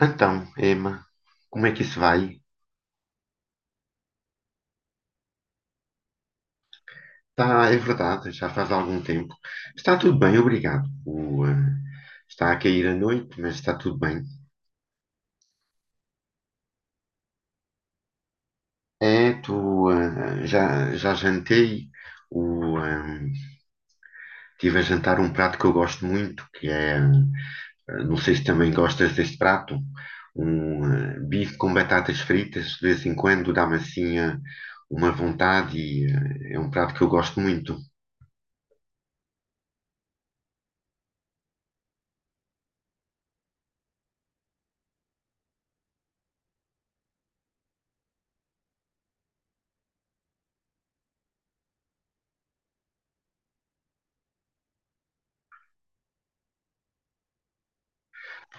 Então, Emma, como é que isso vai? Está, é verdade, já faz algum tempo. Está tudo bem, obrigado. Está a cair a noite, mas está tudo bem. É, tu, já jantei, o, eh, tive a jantar um prato que eu gosto muito, que é, não sei se também gostas deste prato, um bife com batatas fritas, de vez em quando dá-me assim uma vontade e é um prato que eu gosto muito.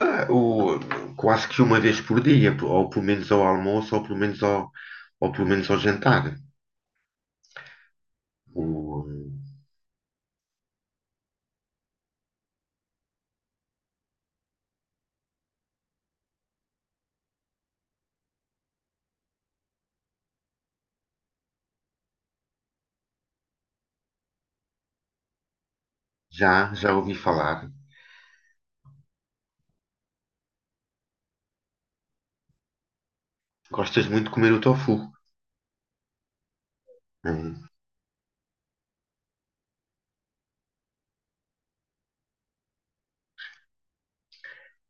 Ah, o, quase que uma vez por dia, ou pelo menos ao almoço, ou pelo menos ao jantar. O, já ouvi falar. Gostas muito de comer o tofu, né?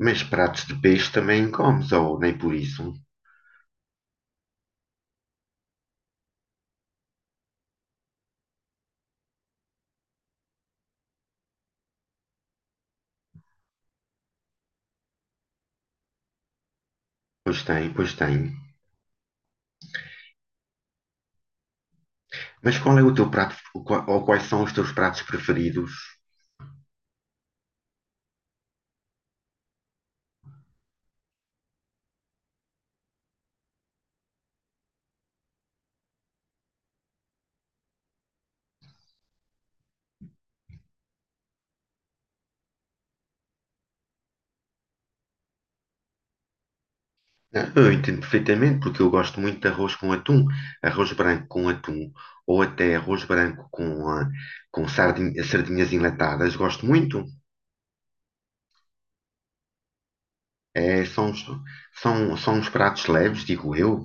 Mas pratos de peixe também comes, ou nem por isso? Pois tem, pois tem. Mas qual é o teu prato, ou quais são os teus pratos preferidos? Ah, eu entendo perfeitamente, porque eu gosto muito de arroz com atum, arroz branco com atum, ou até arroz branco com, ah, com sardinhas enlatadas, gosto muito. É, são, uns- são, são uns pratos leves, digo eu.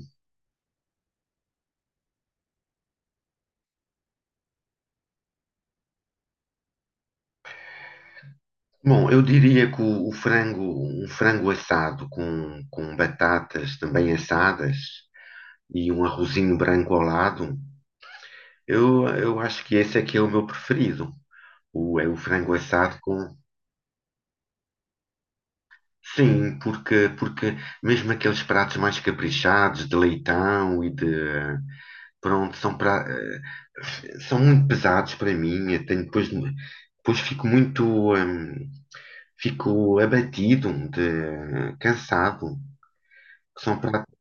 Bom, eu diria que o frango, um frango assado com batatas também assadas e um arrozinho branco ao lado, eu acho que esse aqui é o meu preferido. O, é o frango assado com. Sim, porque, porque mesmo aqueles pratos mais caprichados, de leitão e de. Pronto, são, pra, são muito pesados para mim. Eu tenho, depois, depois fico muito. Fico abatido, de, cansado. São pratos.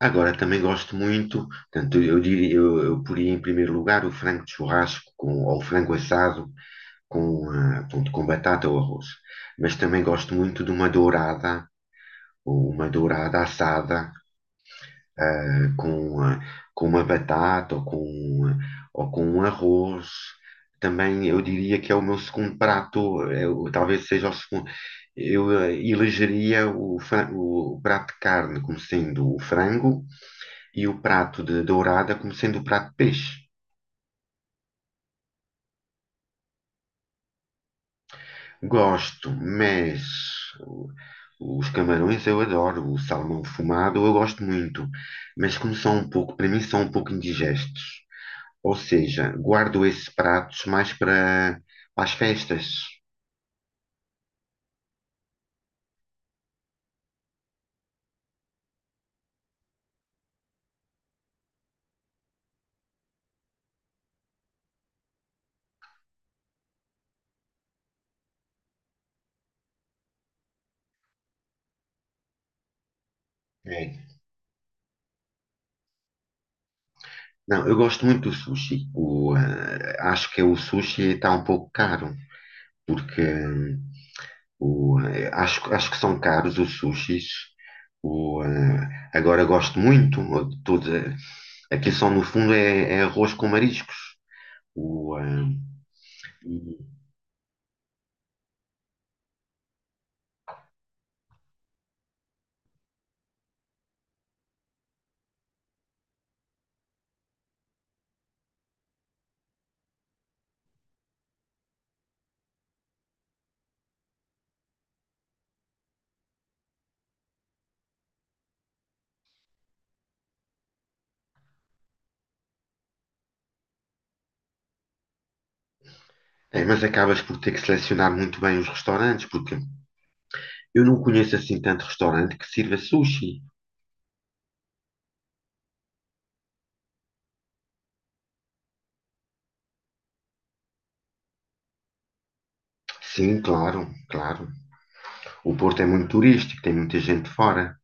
Agora, também gosto muito. Portanto, eu diria, eu poria em primeiro lugar o frango de churrasco com, ou o frango assado com, ah, pronto, com batata ou arroz. Mas também gosto muito de uma dourada ou uma dourada assada com, ah, com uma batata ou com, ah, ou com um arroz. Também eu diria que é o meu segundo prato, talvez seja o segundo. Eu elegeria o prato de carne como sendo o frango e o prato de dourada como sendo o prato de peixe. Gosto, mas o- os camarões eu adoro, o salmão fumado eu gosto muito, mas como são um pouco, para mim são um pouco indigestos. Ou seja, guardo esses pratos mais para, para as festas. É. Não, eu gosto muito do sushi. Acho que o sushi está um pouco caro, porque acho, acho que são caros os sushis. Agora gosto muito, de tudo, eh, aquilo só no fundo é, é arroz com mariscos. O, eh, e- mas acabas por ter que selecionar muito bem os restaurantes, porque eu não conheço assim tanto restaurante que sirva sushi. Sim, claro, claro. O Porto é muito turístico, tem muita gente fora.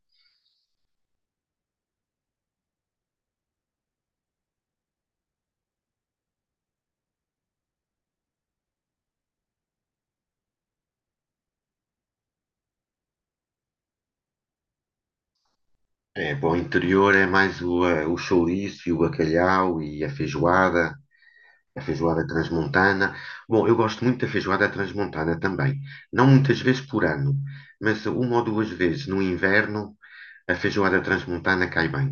É, para o interior é mais o chouriço e o bacalhau e a feijoada transmontana. Bom, eu gosto muito da feijoada transmontana também. Não muitas vezes por ano, mas uma ou duas vezes no inverno a feijoada transmontana cai bem.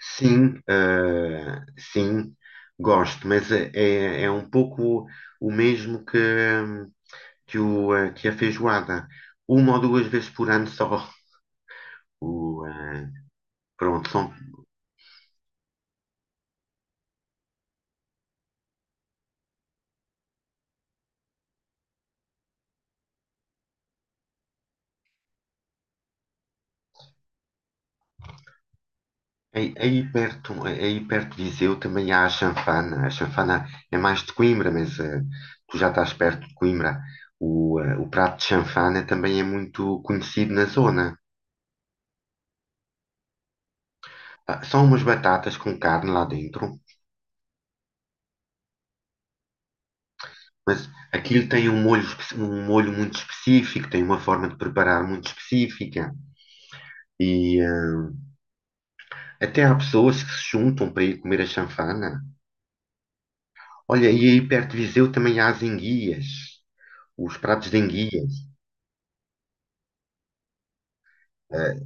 Sim, sim, gosto, mas é um pouco o mesmo que a feijoada, uma ou duas vezes por ano só. O, eh, Pronto, são, aí, aí perto de Viseu também há a chanfana. A chanfana é mais de Coimbra, mas tu já estás perto de Coimbra. O prato de chanfana também é muito conhecido na zona. Ah, são umas batatas com carne lá dentro, mas aquilo tem um molho, um molho muito específico, tem uma forma de preparar muito específica. E até há pessoas que se juntam para ir comer a chanfana. Olha, e aí perto de Viseu também há as enguias, os pratos de enguias. Eh,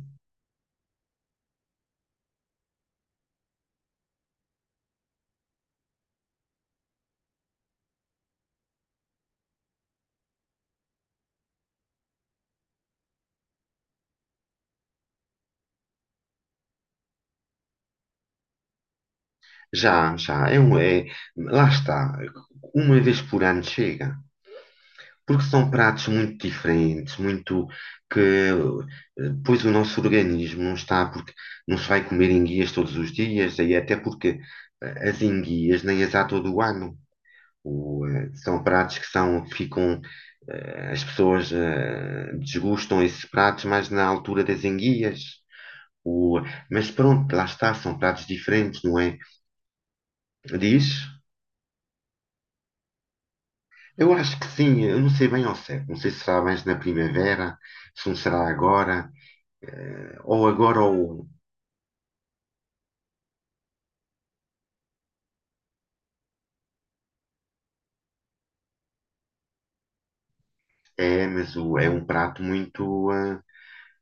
já, é um, é, lá está, uma vez por ano chega, porque são pratos muito diferentes, muito que pois o nosso organismo não está, porque não se vai comer enguias todos os dias, aí até porque as enguias nem as há todo o ano. São pratos que são, que ficam, eh, as pessoas eh, desgustam esses pratos mais na altura das enguias. O... Mas pronto, lá está, são pratos diferentes, não é? Diz? Eu acho que sim, eu não sei bem ao certo. Não sei se será mais na primavera, se não será agora, ou agora ou. É, mas o... é um prato muito, ah,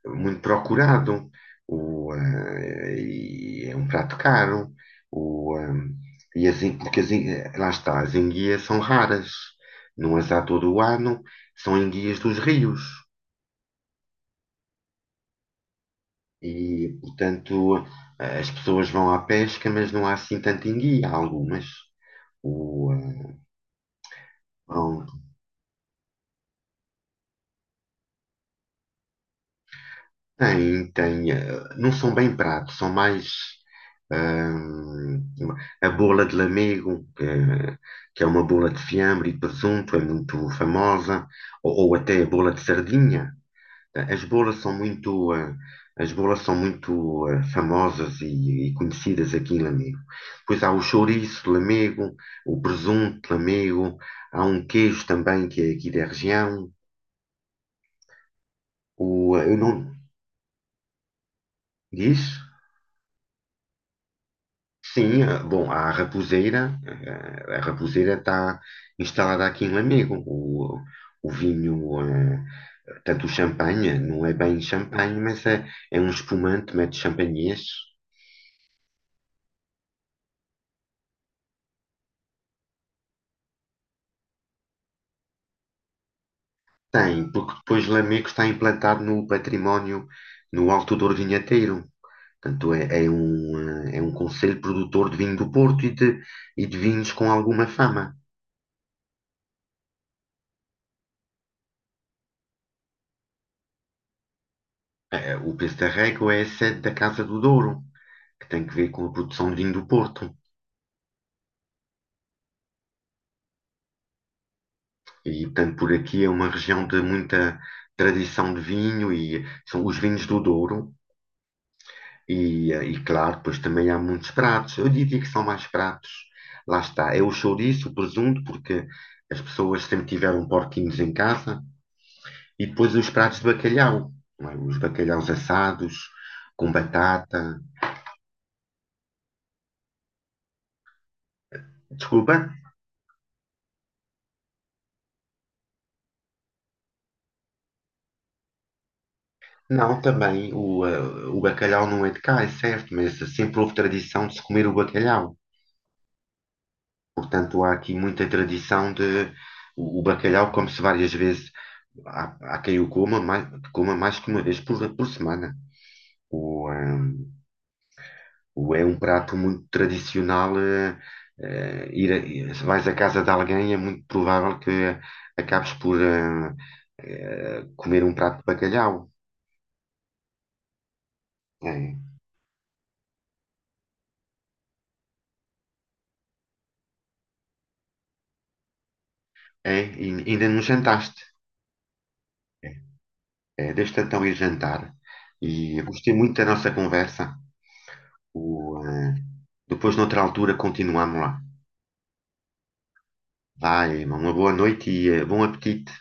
muito procurado. O, ah, e é um prato caro. O, ah, e porque lá está, as enguias são raras. Não as há todo o ano, são enguias dos rios. E, portanto, as pessoas vão à pesca, mas não há assim tanta enguia, há algumas. O, ah, vão- Tem, tem, ah, não são bem pratos, são mais ah, a bola de lamego, que é uma bola de fiambre e presunto, é muito famosa, ou até a bola de sardinha. As bolas são muito, eh, as bolas são muito eh, famosas e conhecidas aqui em Lamego. Pois há o chouriço de Lamego, o presunto de Lamego, há um queijo também que é aqui da região. Eu não diz? Sim, bom, há a Raposeira. A Raposeira está instalada aqui em Lamego. O vinho, eh, tanto o champanhe, não é bem champanhe, mas é, é um espumante, mete champanhês. Tem, porque depois Lamego está implantado no património, no Alto Douro Vinhateiro. Portanto, é, é um conselho produtor de vinho do Porto e de vinhos com alguma fama. O Pestarrego é a sede da Casa do Douro, que tem que ver com a produção de vinho do Porto. E, portanto, por aqui é uma região de muita tradição de vinho e são os vinhos do Douro. E, e claro, pois também há muitos pratos. Eu diria que são mais pratos. Lá está, é o chouriço, o presunto, porque as pessoas sempre tiveram porquinhos em casa. E depois os pratos de bacalhau, não é? Os bacalhaus assados, com batata. Desculpa? Não, também o bacalhau não é de cá, é certo, mas sempre houve tradição de se comer o bacalhau. Portanto, há aqui muita tradição de. O bacalhau come-se várias vezes. Há, há quem o coma mais que uma vez por semana. O, ehm, o é um prato muito tradicional. Ir se vais à casa de alguém, é muito provável que acabes por comer um prato de bacalhau. É, é, e ainda não jantaste. É, é, deixa-te então ir jantar. E eu gostei muito da nossa conversa. O, eh, Depois, noutra altura, continuamos lá. Vai, uma boa noite e bom apetite.